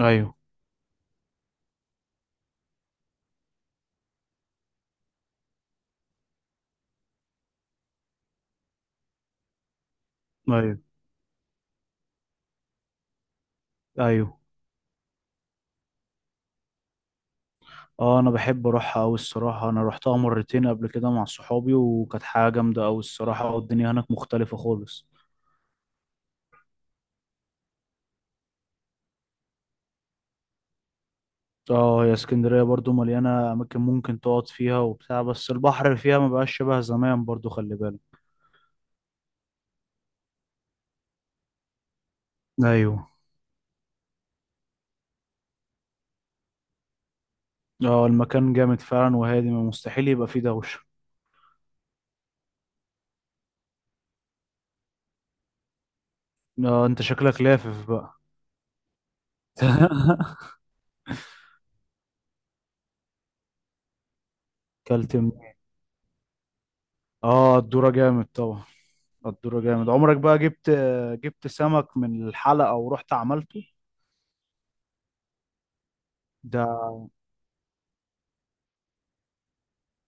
ايوه، ايوه، ايوه. اه، انا بحب اروحها اوي الصراحه. انا روحتها مرتين قبل كده مع صحابي، وكانت حاجه جامده اوي الصراحه، والدنيا هناك مختلفه خالص. اه، هي اسكندريه برضو مليانه اماكن ممكن تقعد فيها وبتاع، بس البحر فيها ما بقاش شبه زمان برضو، خلي بالك. ايوه. اه، المكان جامد فعلا، وهادي ما مستحيل يبقى فيه دوشه. اه، انت شكلك لافف بقى. كلت م- اه، الدورة جامد طبعا. الدورة جامد، عمرك بقى جبت سمك من الحلقة ورحت عملته؟ ده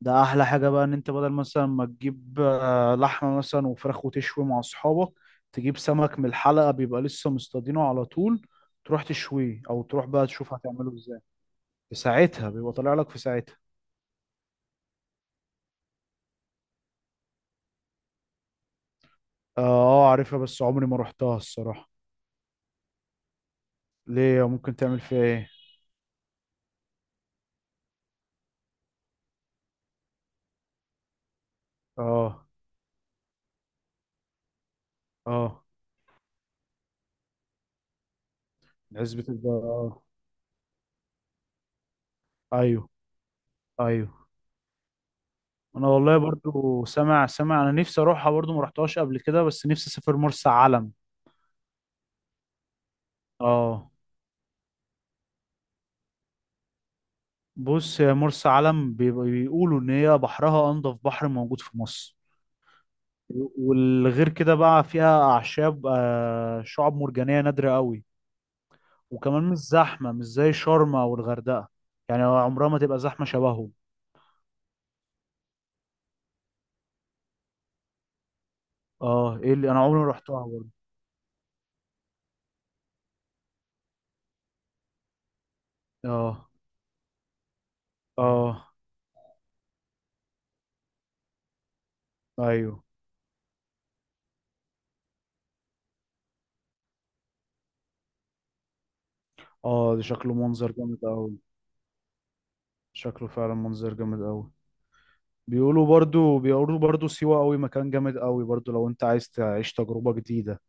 ده احلى حاجه، بقى ان انت بدل مثلا ما تجيب لحمه مثلا وفراخ وتشوي مع اصحابك، تجيب سمك من الحلقه بيبقى لسه مصطادينه على طول، تروح تشويه او تروح بقى تشوف هتعمله ازاي. في ساعتها بيبقى طالع لك في ساعتها. اه، عارفها بس عمري ما رحتها الصراحه. ليه؟ ممكن تعمل فيها ايه؟ اه. اه. عزبة البقر. اه. ايوه. ايوه. انا والله برضو سامع سامع، انا نفسي اروحها برضو، ما رحتهاش قبل كده، بس نفسي اسافر مرسى علم. اه. بص، يا مرسى علم بيقولوا ان هي بحرها انضف بحر موجود في مصر. والغير كده بقى فيها اعشاب، شعاب مرجانيه نادره قوي. وكمان مش زحمه، مش زي شرم او الغردقه. يعني عمرها ما تبقى زحمه شبههم. اه. ايه اللي انا عمري ما رحتها برضه. اه. اه. ايوه. اه، ده شكله منظر جامد قوي. شكله فعلا منظر جامد قوي. بيقولوا برضو سيوه قوي مكان جامد قوي برضو، لو انت عايز تعيش تجربه جديده.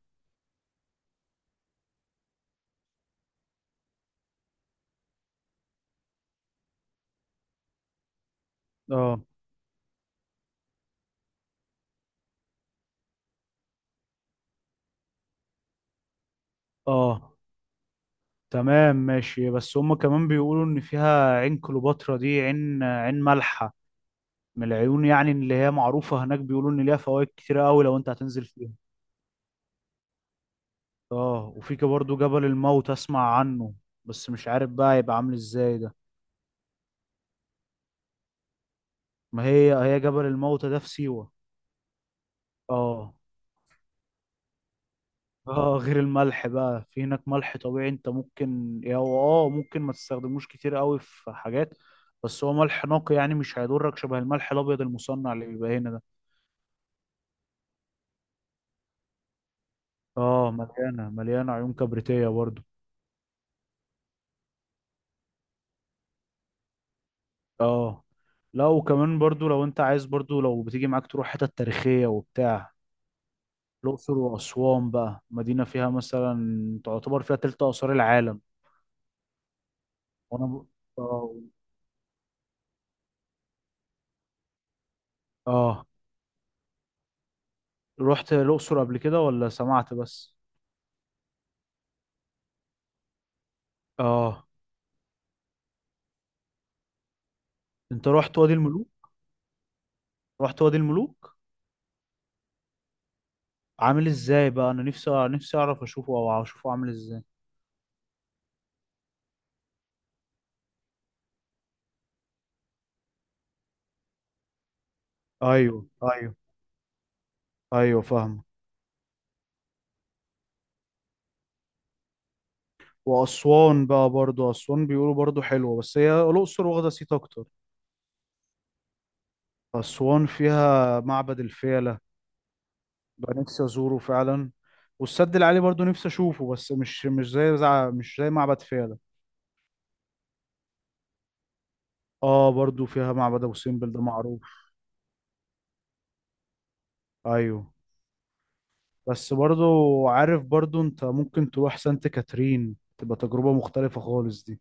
اه. اه، تمام، ماشي. بس هم كمان بيقولوا ان فيها عين كليوباترا، دي عين مالحة من العيون، يعني اللي هي معروفة هناك. بيقولوا ان ليها فوائد كتيرة قوي لو انت هتنزل فيها. اه، وفي كده برضه جبل الموت، اسمع عنه. بس مش عارف بقى هيبقى عامل ازاي ده. ما هي هي جبل الموت ده في سيوة. اه. اه، غير الملح بقى، في هناك ملح طبيعي انت ممكن يا هو. اه، ممكن ما تستخدموش كتير قوي في حاجات، بس هو ملح نقي يعني، مش هيضرك شبه الملح الابيض المصنع اللي بيبقى هنا ده. اه، مليانة مليانة عيون كبريتية برضو. اه. لا، وكمان برضو لو انت عايز، برضو لو بتيجي معاك تروح حتت تاريخية وبتاع، الأقصر وأسوان بقى، مدينة فيها مثلا تعتبر فيها تلت آثار العالم. وانا ب... اه. اه، رحت الأقصر قبل كده ولا سمعت بس؟ اه. انت رحت وادي الملوك؟ رحت وادي الملوك؟ عامل ازاي بقى، انا نفسي نفسي اعرف اشوفه او اشوفه عامل ازاي. ايوه، ايوه، ايوه، فاهم. وأسوان بقى برضو، أسوان بيقولوا برضو حلوة، بس هي الأقصر واخدة صيت أكتر. أسوان فيها معبد الفيلة، بقى نفسي أزوره فعلا. والسد العالي برضو نفسي أشوفه، بس مش زي معبد فيلة. برضو فيها معبد أبو سمبل ده معروف. أيوه. بس برضو عارف برضو، أنت ممكن تروح سانت كاترين، تبقى تجربة مختلفة خالص دي.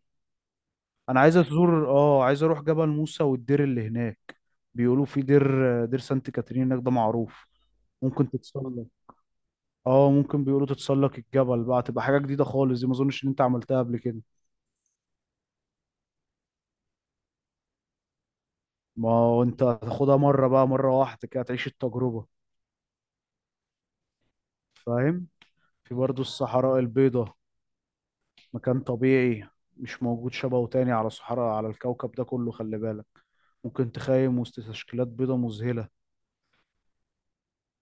أنا عايز أزور آه عايز أروح جبل موسى والدير اللي هناك. بيقولوا في دير سانت كاترين هناك ده معروف. ممكن تتسلق. اه، ممكن بيقولوا تتسلق الجبل بقى، تبقى حاجة جديدة خالص دي، ما اظنش ان انت عملتها قبل كده. ما هو انت هتاخدها مرة بقى، مرة واحدة كده تعيش التجربة. فاهم. في برضو الصحراء البيضاء، مكان طبيعي مش موجود شبهه تاني على صحراء، على الكوكب ده كله، خلي بالك. ممكن تخيم وسط تشكيلات بيضاء مذهلة.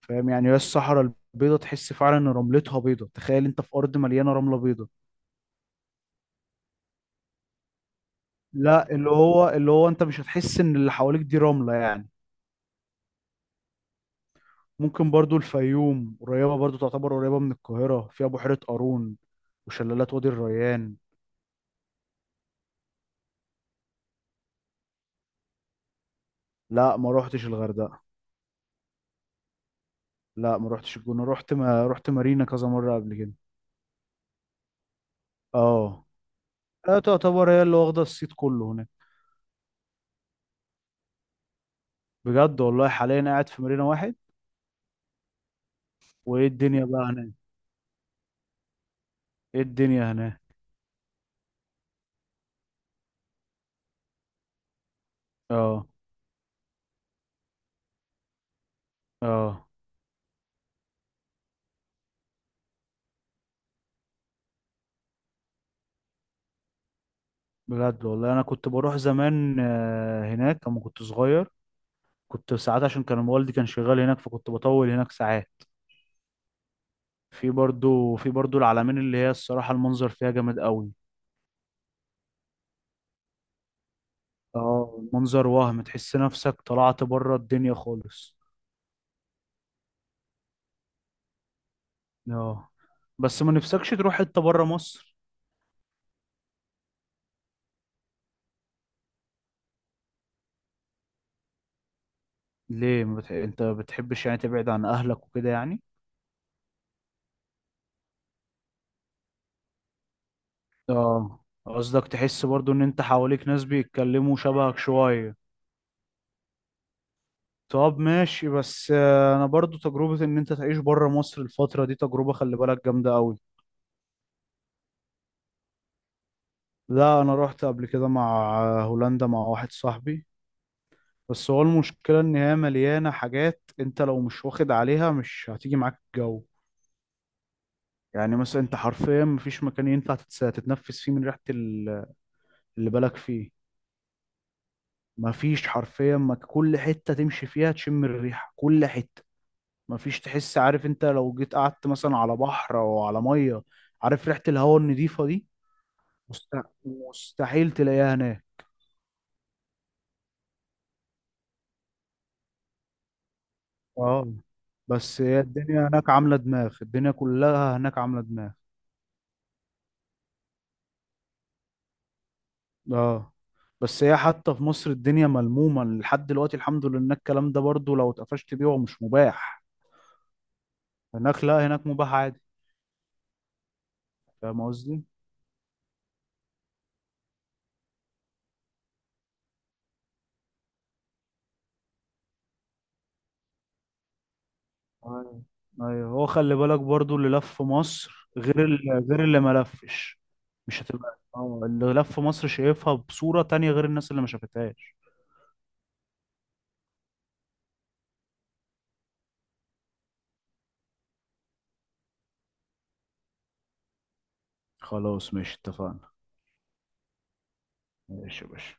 فاهم، يعني هي الصحراء البيضاء تحس فعلا ان رملتها بيضاء. تخيل انت في ارض مليانة رملة بيضاء. لا، اللي هو انت مش هتحس ان اللي حواليك دي رملة يعني. ممكن برضو الفيوم قريبة، برضو تعتبر قريبة من القاهرة، فيها بحيرة قارون وشلالات وادي الريان. لا، ما روحتش الغردقة. لا، ما روحتش الجونة. رحت ما رحت مارينا كذا مرة قبل كده. اه. لا، تعتبر هي اللي واخدة الصيت كله هناك. بجد، والله حاليا قاعد في مارينا واحد. وايه الدنيا بقى هناك؟ ايه الدنيا هناك؟ اه. اه. بجد، والله انا كنت بروح زمان هناك لما كنت صغير. كنت ساعات عشان كان والدي كان شغال هناك، فكنت بطول هناك ساعات. في برضو العلمين اللي هي الصراحة المنظر فيها جامد قوي. اه، المنظر وهم تحس نفسك طلعت بره الدنيا خالص. اه، بس ما نفسكش تروح حتة بره مصر؟ ليه، ما بتح... انت بتحبش يعني تبعد عن اهلك وكده يعني؟ اه، قصدك تحس برضو ان انت حواليك ناس بيتكلموا شبهك شوية. طب ماشي، بس انا برضو تجربة ان انت تعيش بره مصر الفترة دي تجربة، خلي بالك جامدة قوي. لا، انا رحت قبل كده مع هولندا مع واحد صاحبي. بس هو المشكلة إن هي مليانة حاجات، أنت لو مش واخد عليها مش هتيجي معاك الجو. يعني مثلا أنت حرفيا مفيش مكان ينفع تتنفس فيه من ريحة اللي بالك فيه. مفيش حرفيا، ما كل حتة تمشي فيها تشم الريحة كل حتة. مفيش، تحس، عارف أنت لو جيت قعدت مثلا على بحر أو على مية، عارف ريحة الهواء النضيفة دي مست- مستحيل تلاقيها هناك. اه، بس هي الدنيا هناك عاملة دماغ، الدنيا كلها هناك عاملة دماغ. اه، بس هي حتى في مصر الدنيا ملمومة لحد دلوقتي، الحمد لله، إنك الكلام ده برضو لو اتقفشت بيه هو مش مباح. هناك لا، هناك مباح عادي. فاهم قصدي؟ أيوة. ايوه، هو خلي بالك برضو اللي لف في مصر غير اللي ما لفش. مش هتبقى، اللي لف في مصر شايفها بصورة تانية غير الناس اللي ما شافتهاش. خلاص ماشي، اتفقنا. ماشي يا باشا.